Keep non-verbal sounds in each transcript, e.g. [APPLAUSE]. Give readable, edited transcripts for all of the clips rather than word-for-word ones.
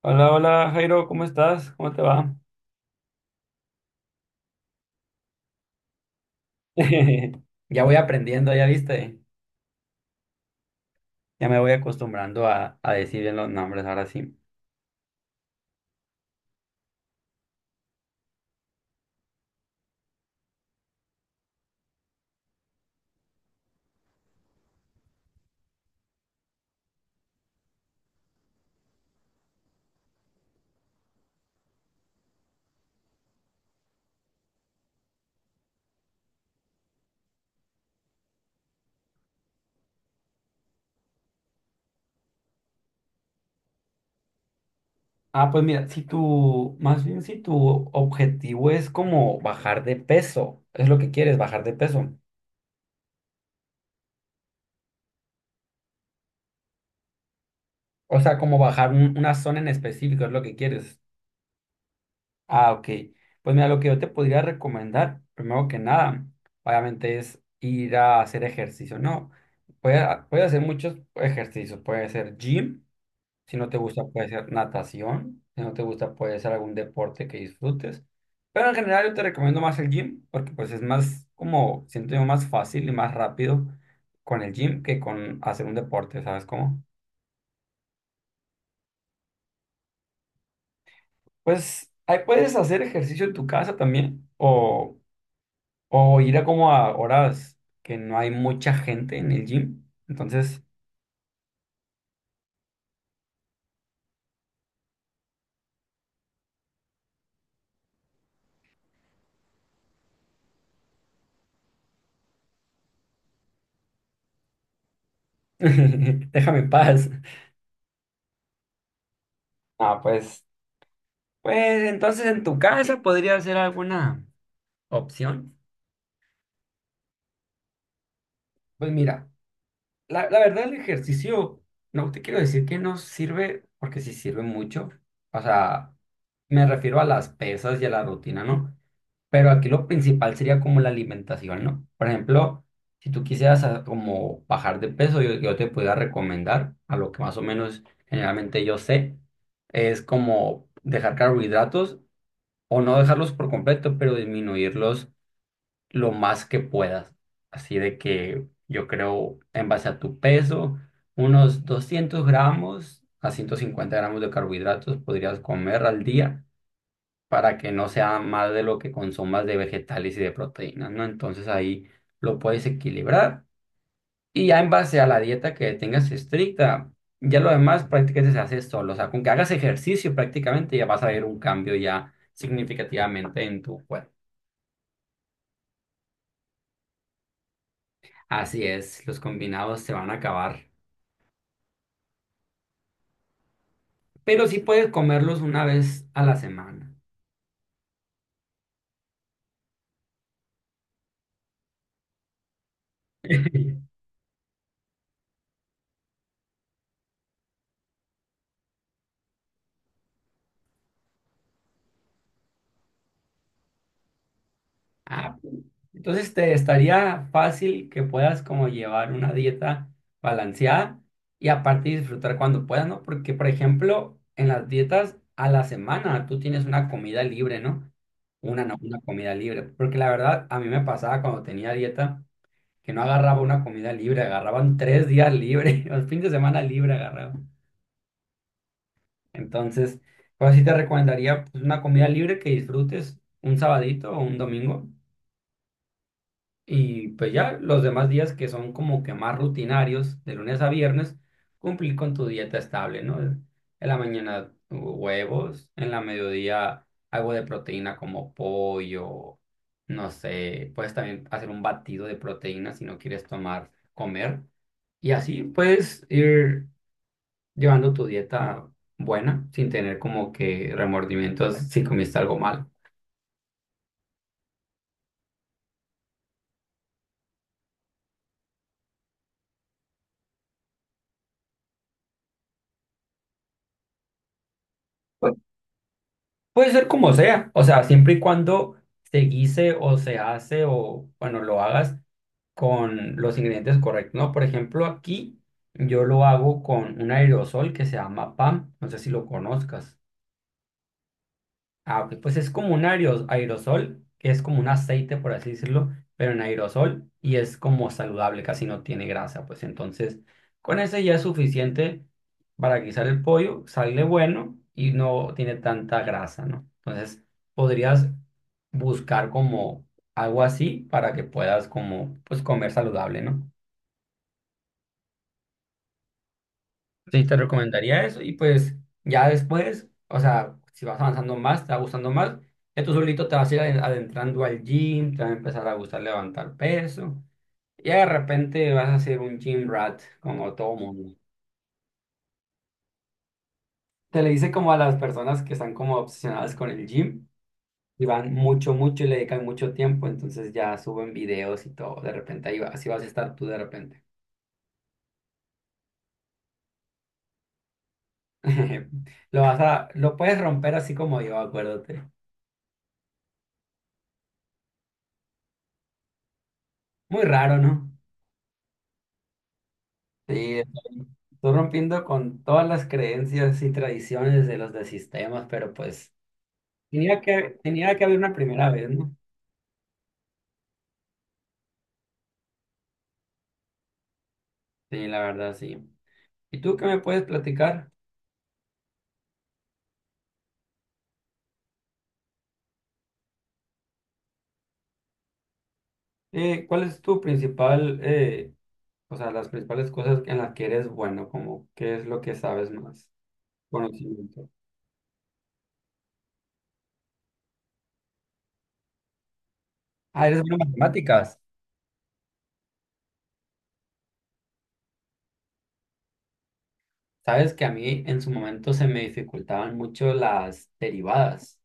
Hola, hola Jairo, ¿cómo estás? ¿Cómo te va? [LAUGHS] Ya voy aprendiendo, ya viste. Ya me voy acostumbrando a decir bien los nombres ahora sí. Ah, pues mira, si tu, más bien si tu objetivo es como bajar de peso, es lo que quieres, bajar de peso. O sea, como bajar una zona en específico, es lo que quieres. Ah, ok. Pues mira, lo que yo te podría recomendar, primero que nada, obviamente es ir a hacer ejercicio, ¿no? Puede hacer muchos ejercicios, puede ser gym. Si no te gusta, puede ser natación. Si no te gusta, puede ser algún deporte que disfrutes. Pero en general yo te recomiendo más el gym porque pues es más como, siento yo, más fácil y más rápido con el gym que con hacer un deporte, ¿sabes cómo? Pues ahí puedes hacer ejercicio en tu casa también o ir a como a horas que no hay mucha gente en el gym. Entonces, [LAUGHS] déjame en paz. Ah, pues, pues entonces en tu casa podría ser alguna opción. Pues mira. La verdad, el ejercicio, no te quiero decir que no sirve, porque sí sirve mucho. O sea, me refiero a las pesas y a la rutina, ¿no? Pero aquí lo principal sería como la alimentación, ¿no? Por ejemplo, si tú quisieras como bajar de peso, yo te pudiera recomendar, a lo que más o menos generalmente yo sé, es como dejar carbohidratos o no dejarlos por completo, pero disminuirlos lo más que puedas. Así de que yo creo, en base a tu peso, unos 200 gramos a 150 gramos de carbohidratos podrías comer al día para que no sea más de lo que consumas de vegetales y de proteínas, ¿no? Entonces ahí lo puedes equilibrar. Y ya en base a la dieta que tengas estricta, ya lo demás prácticamente se hace solo. O sea, con que hagas ejercicio prácticamente ya vas a ver un cambio ya significativamente en tu cuerpo. Así es, los combinados se van a acabar. Pero sí puedes comerlos una vez a la semana. [LAUGHS] Ah, entonces te estaría fácil que puedas como llevar una dieta balanceada y aparte disfrutar cuando puedas, ¿no? Porque, por ejemplo, en las dietas a la semana tú tienes una comida libre, ¿no? Una, una comida libre. Porque la verdad, a mí me pasaba cuando tenía dieta que no agarraba una comida libre, agarraban tres días libres, [LAUGHS] los fines de semana libre agarraba. Entonces, pues sí te recomendaría pues, una comida libre que disfrutes un sabadito o un domingo. Y pues ya los demás días que son como que más rutinarios, de lunes a viernes, cumplir con tu dieta estable, ¿no? En la mañana huevos, en la mediodía algo de proteína como pollo, no sé, puedes también hacer un batido de proteína si no quieres tomar, comer. Y así puedes ir llevando tu dieta buena sin tener como que remordimientos si comiste algo mal. Pu- Puede ser como sea, o sea, siempre y cuando se guise o se hace o, bueno, lo hagas con los ingredientes correctos, ¿no? Por ejemplo, aquí yo lo hago con un aerosol que se llama PAM, no sé si lo conozcas. Ah, ok, pues es como un aerosol, que es como un aceite, por así decirlo, pero en aerosol y es como saludable, casi no tiene grasa, pues entonces con ese ya es suficiente para guisar el pollo, sale bueno y no tiene tanta grasa, ¿no? Entonces podrías buscar como algo así para que puedas como pues comer saludable, ¿no? Sí, te recomendaría eso y pues ya después, o sea, si vas avanzando más, te va gustando más, ya tú solito te vas a ir adentrando al gym, te va a empezar a gustar levantar peso y de repente vas a ser un gym rat como todo mundo. Te le dice como a las personas que están como obsesionadas con el gym y van mucho, mucho y le dedican mucho tiempo, entonces ya suben videos y todo, de repente ahí va, así vas a estar tú de repente. [LAUGHS] Lo vas a, lo puedes romper así como yo, acuérdate. Muy raro, ¿no? Sí, estoy rompiendo con todas las creencias y tradiciones de los de sistemas, pero pues tenía que haber una primera vez, ¿no? Sí, la verdad, sí. ¿Y tú qué me puedes platicar? ¿Cuál es tu principal, o sea, las principales cosas en las que eres bueno, como qué es lo que sabes más? Conocimiento. Ah, eres bueno en matemáticas. Sabes que a mí en su momento se me dificultaban mucho las derivadas.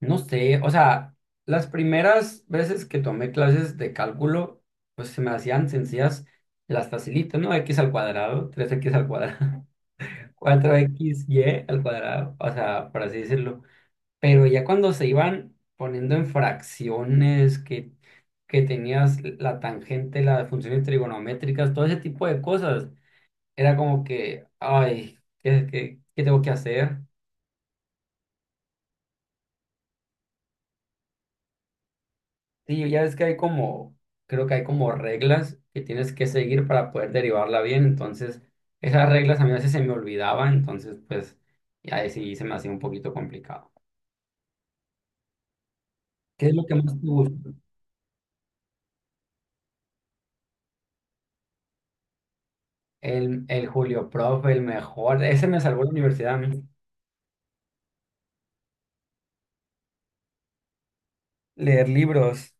No sé, o sea, las primeras veces que tomé clases de cálculo, pues se me hacían sencillas las facilitas, ¿no? X al cuadrado, tres x al cuadrado, [LAUGHS] 4 y al cuadrado, o sea, por así decirlo. Pero ya cuando se iban poniendo en fracciones, que tenías la tangente, las funciones trigonométricas, todo ese tipo de cosas, era como que, ay, ¿qué tengo que hacer? Sí, ya ves que hay como, creo que hay como reglas que tienes que seguir para poder derivarla bien, entonces esas reglas a mí a veces se me olvidaban, entonces pues ya sí se me hacía un poquito complicado. ¿Qué es lo que más te gusta? El Julio Prof, el mejor, ese me salvó la universidad a mí. Leer libros.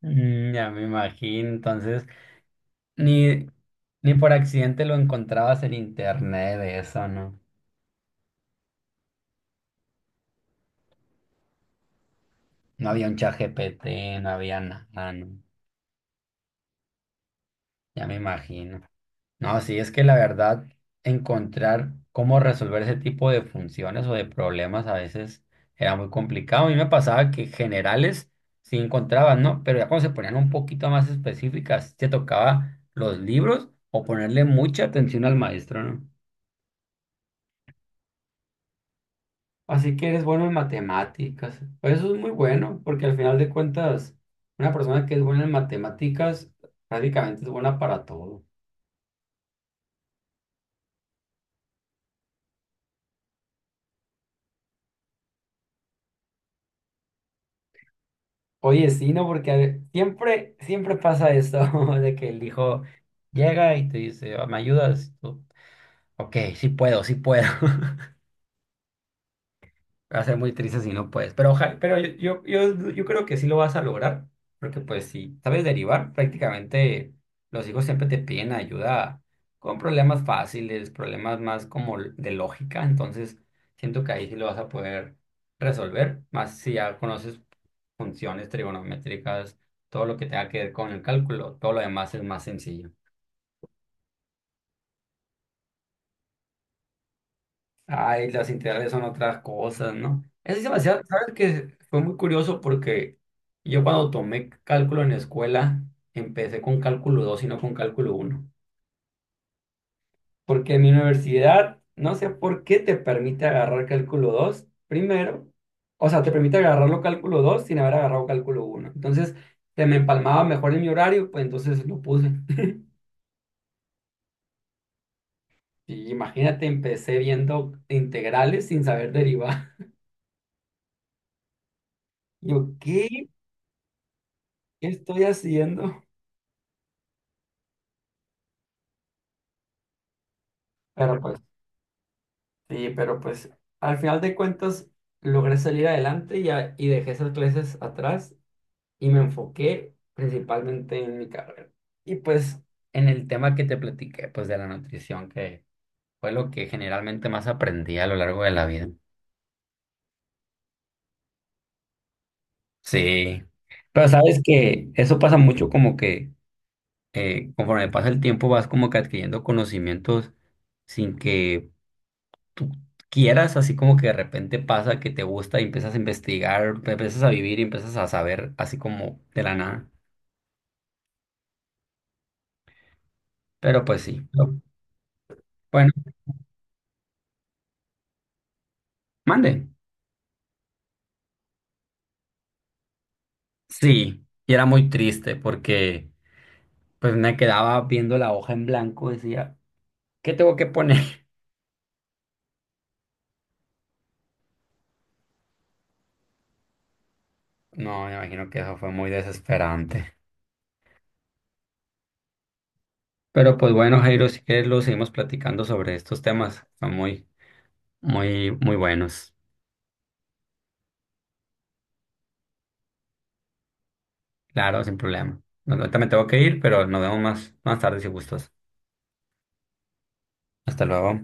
Mm, ya me imagino, entonces ni, ni por accidente lo encontrabas en internet, eso, ¿no? No había un chat GPT, no había nada, ¿no? Ya me imagino. No, sí, es que la verdad, encontrar cómo resolver ese tipo de funciones o de problemas a veces era muy complicado. A mí me pasaba que generales sí encontraban, ¿no? Pero ya cuando se ponían un poquito más específicas, te tocaba los libros o ponerle mucha atención al maestro, ¿no? Así que eres bueno en matemáticas. Pues eso es muy bueno, porque al final de cuentas, una persona que es buena en matemáticas prácticamente es buena para todo. Oye, sí, no, porque siempre, siempre pasa esto [LAUGHS] de que el hijo llega y te dice, "Ah, ¿me ayudas? Y tú, ok, sí puedo, sí puedo. Va a ser muy triste si no puedes. Pero, ojalá, pero yo creo que sí lo vas a lograr. Porque pues si sabes derivar, prácticamente los hijos siempre te piden ayuda con problemas fáciles, problemas más como de lógica. Entonces siento que ahí sí lo vas a poder resolver. Más si ya conoces funciones trigonométricas, todo lo que tenga que ver con el cálculo, todo lo demás es más sencillo. Ay, las integrales son otras cosas, ¿no? Eso es sí, demasiado. ¿Sabes que fue muy curioso porque yo cuando tomé cálculo en la escuela, empecé con cálculo 2 y no con cálculo uno. Porque en mi universidad, no sé por qué te permite agarrar cálculo 2 primero. O sea, te permite agarrarlo cálculo 2 sin haber agarrado cálculo uno. Entonces, se me empalmaba mejor en mi horario, pues entonces lo puse. [LAUGHS] Y imagínate, empecé viendo integrales sin saber derivar. [LAUGHS] Yo, ¿qué? ¿Qué estoy haciendo? Pero pues, sí, pero pues, al final de cuentas, logré salir adelante y dejé esas clases atrás y me enfoqué principalmente en mi carrera. Y pues, en el tema que te platiqué, pues de la nutrición, que fue lo que generalmente más aprendí a lo largo de la vida. Sí, pero sabes que eso pasa mucho como que conforme pasa el tiempo vas como que adquiriendo conocimientos sin que tú quieras, así como que de repente pasa que te gusta y empiezas a investigar, empiezas a vivir y empiezas a saber así como de la nada. Pero pues sí, bueno, mande. Sí, y era muy triste porque pues me quedaba viendo la hoja en blanco decía, ¿qué tengo que poner? [LAUGHS] No, me imagino que eso fue muy desesperante. Pero pues bueno, Jairo, si quieres lo seguimos platicando sobre estos temas. Son muy, muy, muy buenos. Claro, sin problema. No, ahorita me tengo que ir, pero nos vemos más tarde si gustas. Hasta luego.